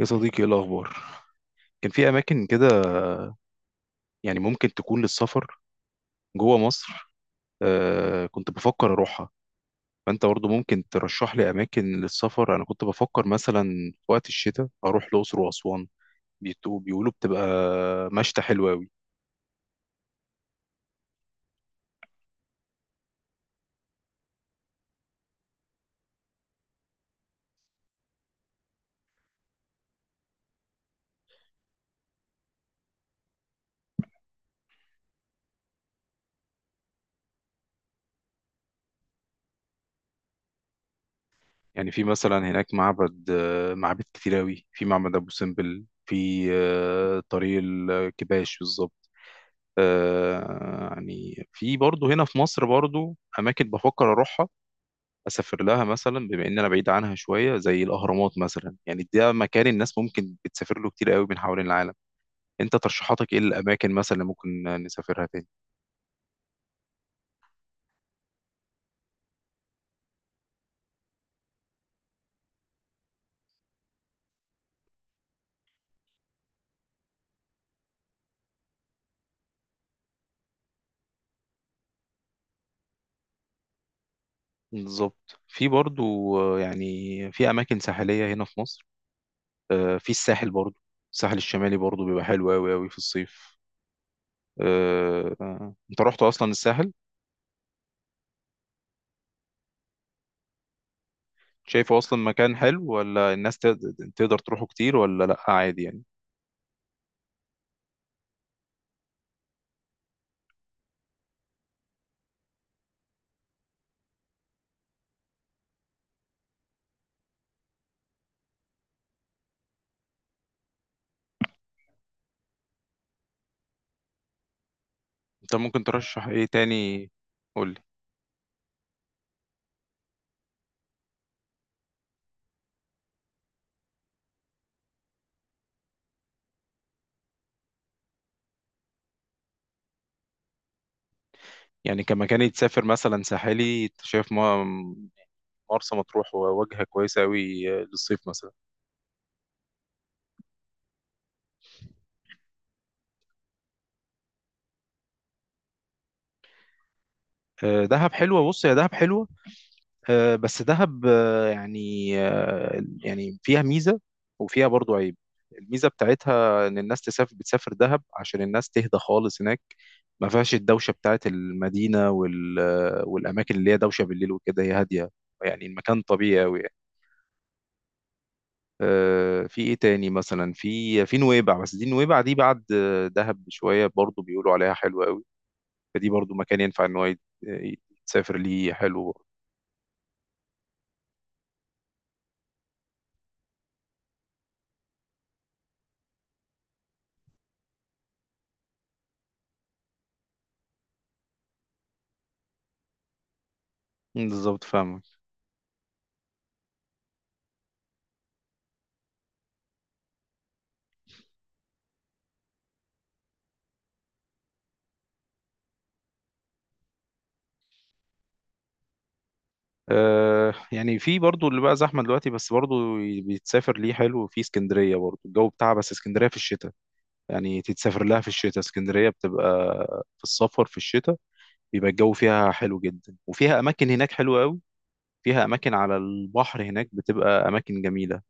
يا صديقي، ايه الاخبار؟ كان في اماكن كده، يعني ممكن تكون للسفر جوه مصر. آه، كنت بفكر اروحها. فانت برضه ممكن ترشح لي اماكن للسفر. انا كنت بفكر مثلا في وقت الشتاء اروح الاقصر واسوان. بيقولوا بتبقى مشتى حلوة أوي. يعني في مثلا هناك معبد، معابد كتير أوي. في معبد أبو سمبل، في طريق الكباش بالظبط. يعني في برضه هنا في مصر برضه أماكن بفكر أروحها، اسافر لها مثلا، بما ان انا بعيد عنها شويه، زي الاهرامات مثلا. يعني ده مكان الناس ممكن بتسافر له كتير قوي من حوالين العالم. انت ترشيحاتك ايه الاماكن مثلا اللي ممكن نسافرها تاني؟ بالظبط، في برضو، يعني في اماكن ساحليه هنا في مصر. في الساحل برضو، الساحل الشمالي برضو بيبقى حلو قوي قوي في الصيف. انت رحت اصلا الساحل؟ شايفه اصلا مكان حلو، ولا الناس تقدر تروحه كتير، ولا لا عادي يعني؟ انت ممكن ترشح ايه تاني؟ قول. يعني كمكان يتسافر مثلا ساحلي، انت شايف مرسى مطروح وجهة كويسة قوي للصيف مثلا؟ دهب حلوة، بص يا دهب حلوة. بس دهب، يعني فيها ميزة وفيها برضو عيب. الميزة بتاعتها ان الناس بتسافر دهب عشان الناس تهدى خالص هناك، ما فيهاش الدوشة بتاعت المدينة والأماكن اللي هي دوشة بالليل وكده، هي هادية. يعني المكان طبيعي قوي. في ايه تاني مثلا؟ في نويبع، بس دي نويبع دي بعد دهب بشويه، برضو بيقولوا عليها حلوه قوي. فدي برضو مكان ينفع ان هو يتسافر ليه، حلو برضو. مم، بالظبط، فاهمك. يعني في برضو اللي بقى زحمه دلوقتي، بس برضو بيتسافر ليه حلو في اسكندريه برضو الجو بتاعها، بس اسكندريه في الشتاء، يعني تتسافر لها في الشتاء، اسكندريه بتبقى في السفر في الشتاء بيبقى الجو فيها حلو جدا، وفيها اماكن هناك حلوه قوي، فيها اماكن على البحر هناك بتبقى اماكن جميله.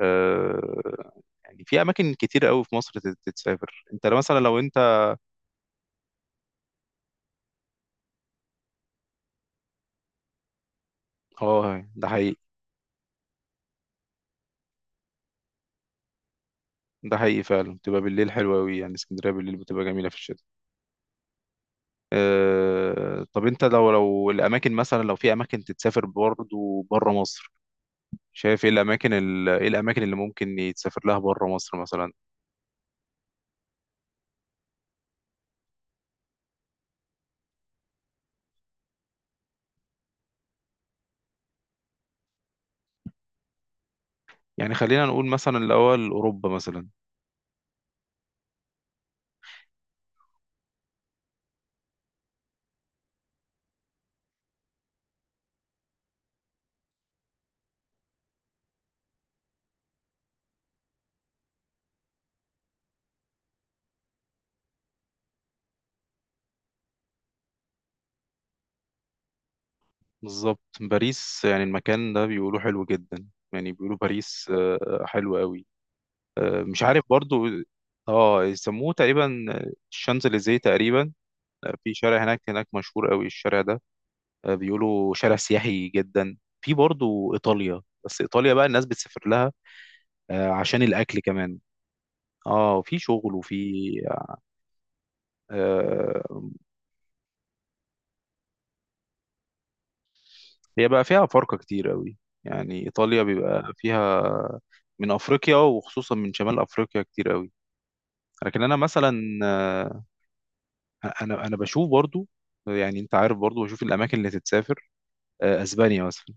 آه، يعني في اماكن كتير قوي في مصر تتسافر. انت مثلا لو انت... اه، ده حقيقي. ده حقيقي فعلا، بتبقى بالليل حلوة قوي، يعني اسكندرية بالليل بتبقى جميلة في الشتاء. طب انت لو الاماكن مثلا، لو في اماكن تتسافر برضه بره مصر، شايف ايه الاماكن، ايه الاماكن اللي ممكن يتسافر لها بره مصر مثلا؟ يعني خلينا نقول مثلا الاول اوروبا مثلا. بالظبط، باريس يعني المكان ده بيقولوا حلو جدا. يعني بيقولوا باريس حلو قوي. مش عارف برضو. اه، يسموه تقريبا الشانزليزيه تقريبا. في شارع هناك مشهور قوي الشارع ده. بيقولوا شارع سياحي جدا. في برضو ايطاليا، بس ايطاليا بقى الناس بتسافر لها عشان الاكل كمان. اه، وفي شغل، وفي آه، هي بقى فيها فرقة كتير قوي، يعني ايطاليا بيبقى فيها من افريقيا، وخصوصا من شمال افريقيا، كتير قوي. لكن انا مثلا انا بشوف برضو، يعني انت عارف برضو، بشوف الاماكن اللي تتسافر، اسبانيا مثلا.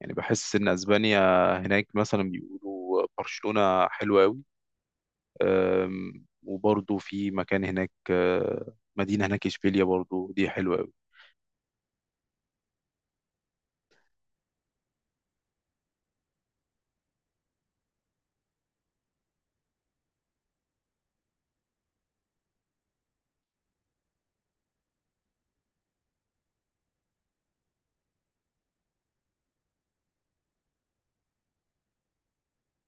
يعني بحس ان اسبانيا هناك مثلا بيقولوا برشلونة حلوة قوي، وبرضه في مكان هناك، مدينة هناك اشبيليا برضه دي حلوة قوي.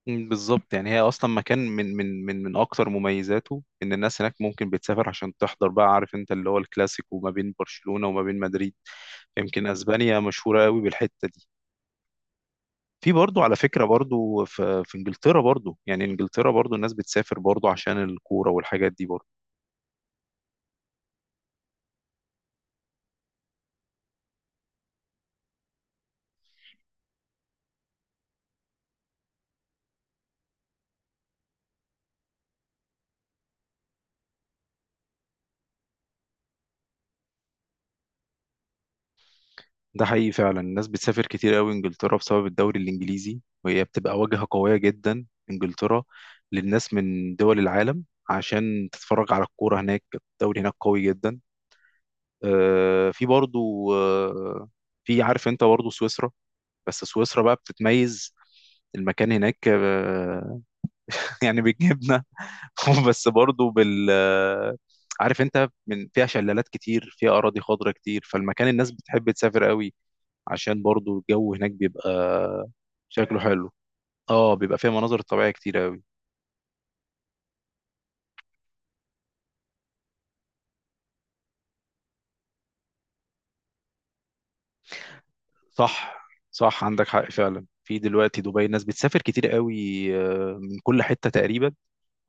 مم، بالظبط. يعني هي اصلا مكان من اكتر مميزاته ان الناس هناك ممكن بتسافر عشان تحضر بقى، عارف انت، اللي هو الكلاسيكو ما بين برشلونة وما بين مدريد. يمكن اسبانيا مشهورة قوي بالحتة دي. في برضه، على فكرة، برضه في انجلترا برضه، يعني انجلترا برضه الناس بتسافر برضه عشان الكورة والحاجات دي برضه. ده حقيقي فعلا، الناس بتسافر كتير قوي انجلترا بسبب الدوري الانجليزي، وهي بتبقى واجهة قوية جدا انجلترا للناس من دول العالم عشان تتفرج على الكورة هناك. الدوري هناك قوي جدا. في برضو في، عارف انت، برضو سويسرا، بس سويسرا بقى بتتميز، المكان هناك يعني بيجيبنا بس برضو بال آه، عارف انت، من فيها شلالات كتير، فيها اراضي خضراء كتير، فالمكان الناس بتحب تسافر قوي عشان برضو الجو هناك بيبقى شكله حلو. اه، بيبقى فيها مناظر طبيعية كتير قوي. صح. صح، عندك حق فعلا. في دلوقتي دبي ناس بتسافر كتير قوي من كل حتة تقريبا،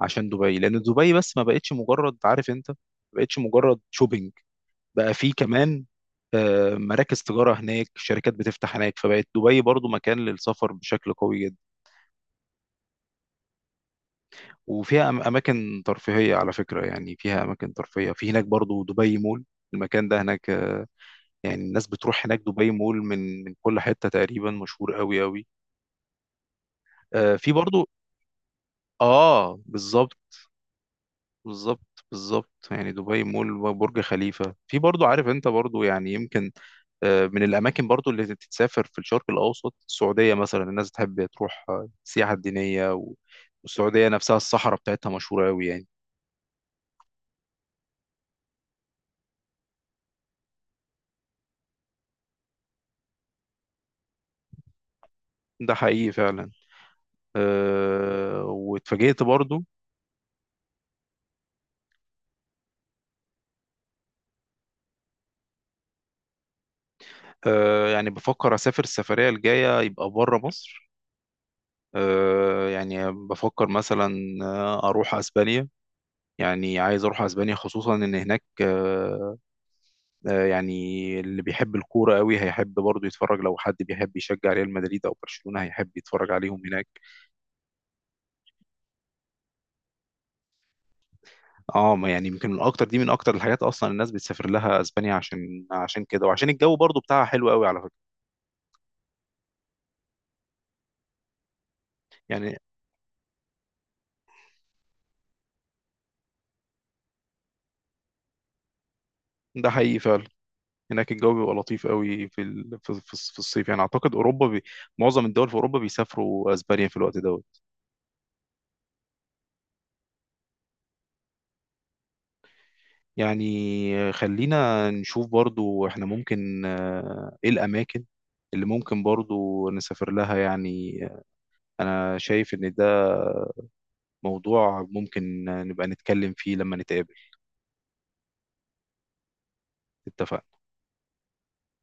عشان دبي، لأن دبي بس ما بقتش مجرد، عارف انت، ما بقتش مجرد شوبينج، بقى في كمان مراكز تجارة هناك، شركات بتفتح هناك، فبقت دبي برضو مكان للسفر بشكل قوي جدا. وفيها أماكن ترفيهية على فكرة، يعني فيها أماكن ترفيهية في هناك برضو، دبي مول، المكان ده هناك يعني الناس بتروح هناك دبي مول من كل حتة تقريبا، مشهور قوي قوي. في برضو. اه، بالظبط. بالظبط، بالظبط. يعني دبي مول، برج خليفة، في برضو، عارف انت برضو، يعني يمكن من الأماكن برضو اللي تتسافر في الشرق الأوسط السعودية مثلا. الناس تحب تروح السياحة الدينية، والسعودية نفسها الصحراء بتاعتها مشهورة أوي يعني. ده حقيقي فعلا. أه، واتفاجئت برضو. أه، يعني بفكر أسافر السفرية الجاية يبقى بره مصر. يعني بفكر مثلا اروح اسبانيا. يعني عايز اروح اسبانيا، خصوصا ان هناك يعني اللي بيحب الكوره قوي هيحب برضه يتفرج، لو حد بيحب يشجع ريال مدريد او برشلونه هيحب يتفرج عليهم هناك. اه، ما يعني يمكن من اكتر دي، من اكتر الحاجات اصلا الناس بتسافر لها اسبانيا عشان كده، وعشان الجو برضه بتاعها حلو قوي على فكره. يعني ده حقيقي فعلا، هناك الجو بيبقى لطيف قوي في في الصيف. يعني اعتقد اوروبا معظم الدول في اوروبا بيسافروا اسبانيا في الوقت ده. يعني خلينا نشوف برضو احنا ممكن ايه الاماكن اللي ممكن برضو نسافر لها يعني. انا شايف ان ده موضوع ممكن نبقى نتكلم فيه لما نتقابل. اتفقنا.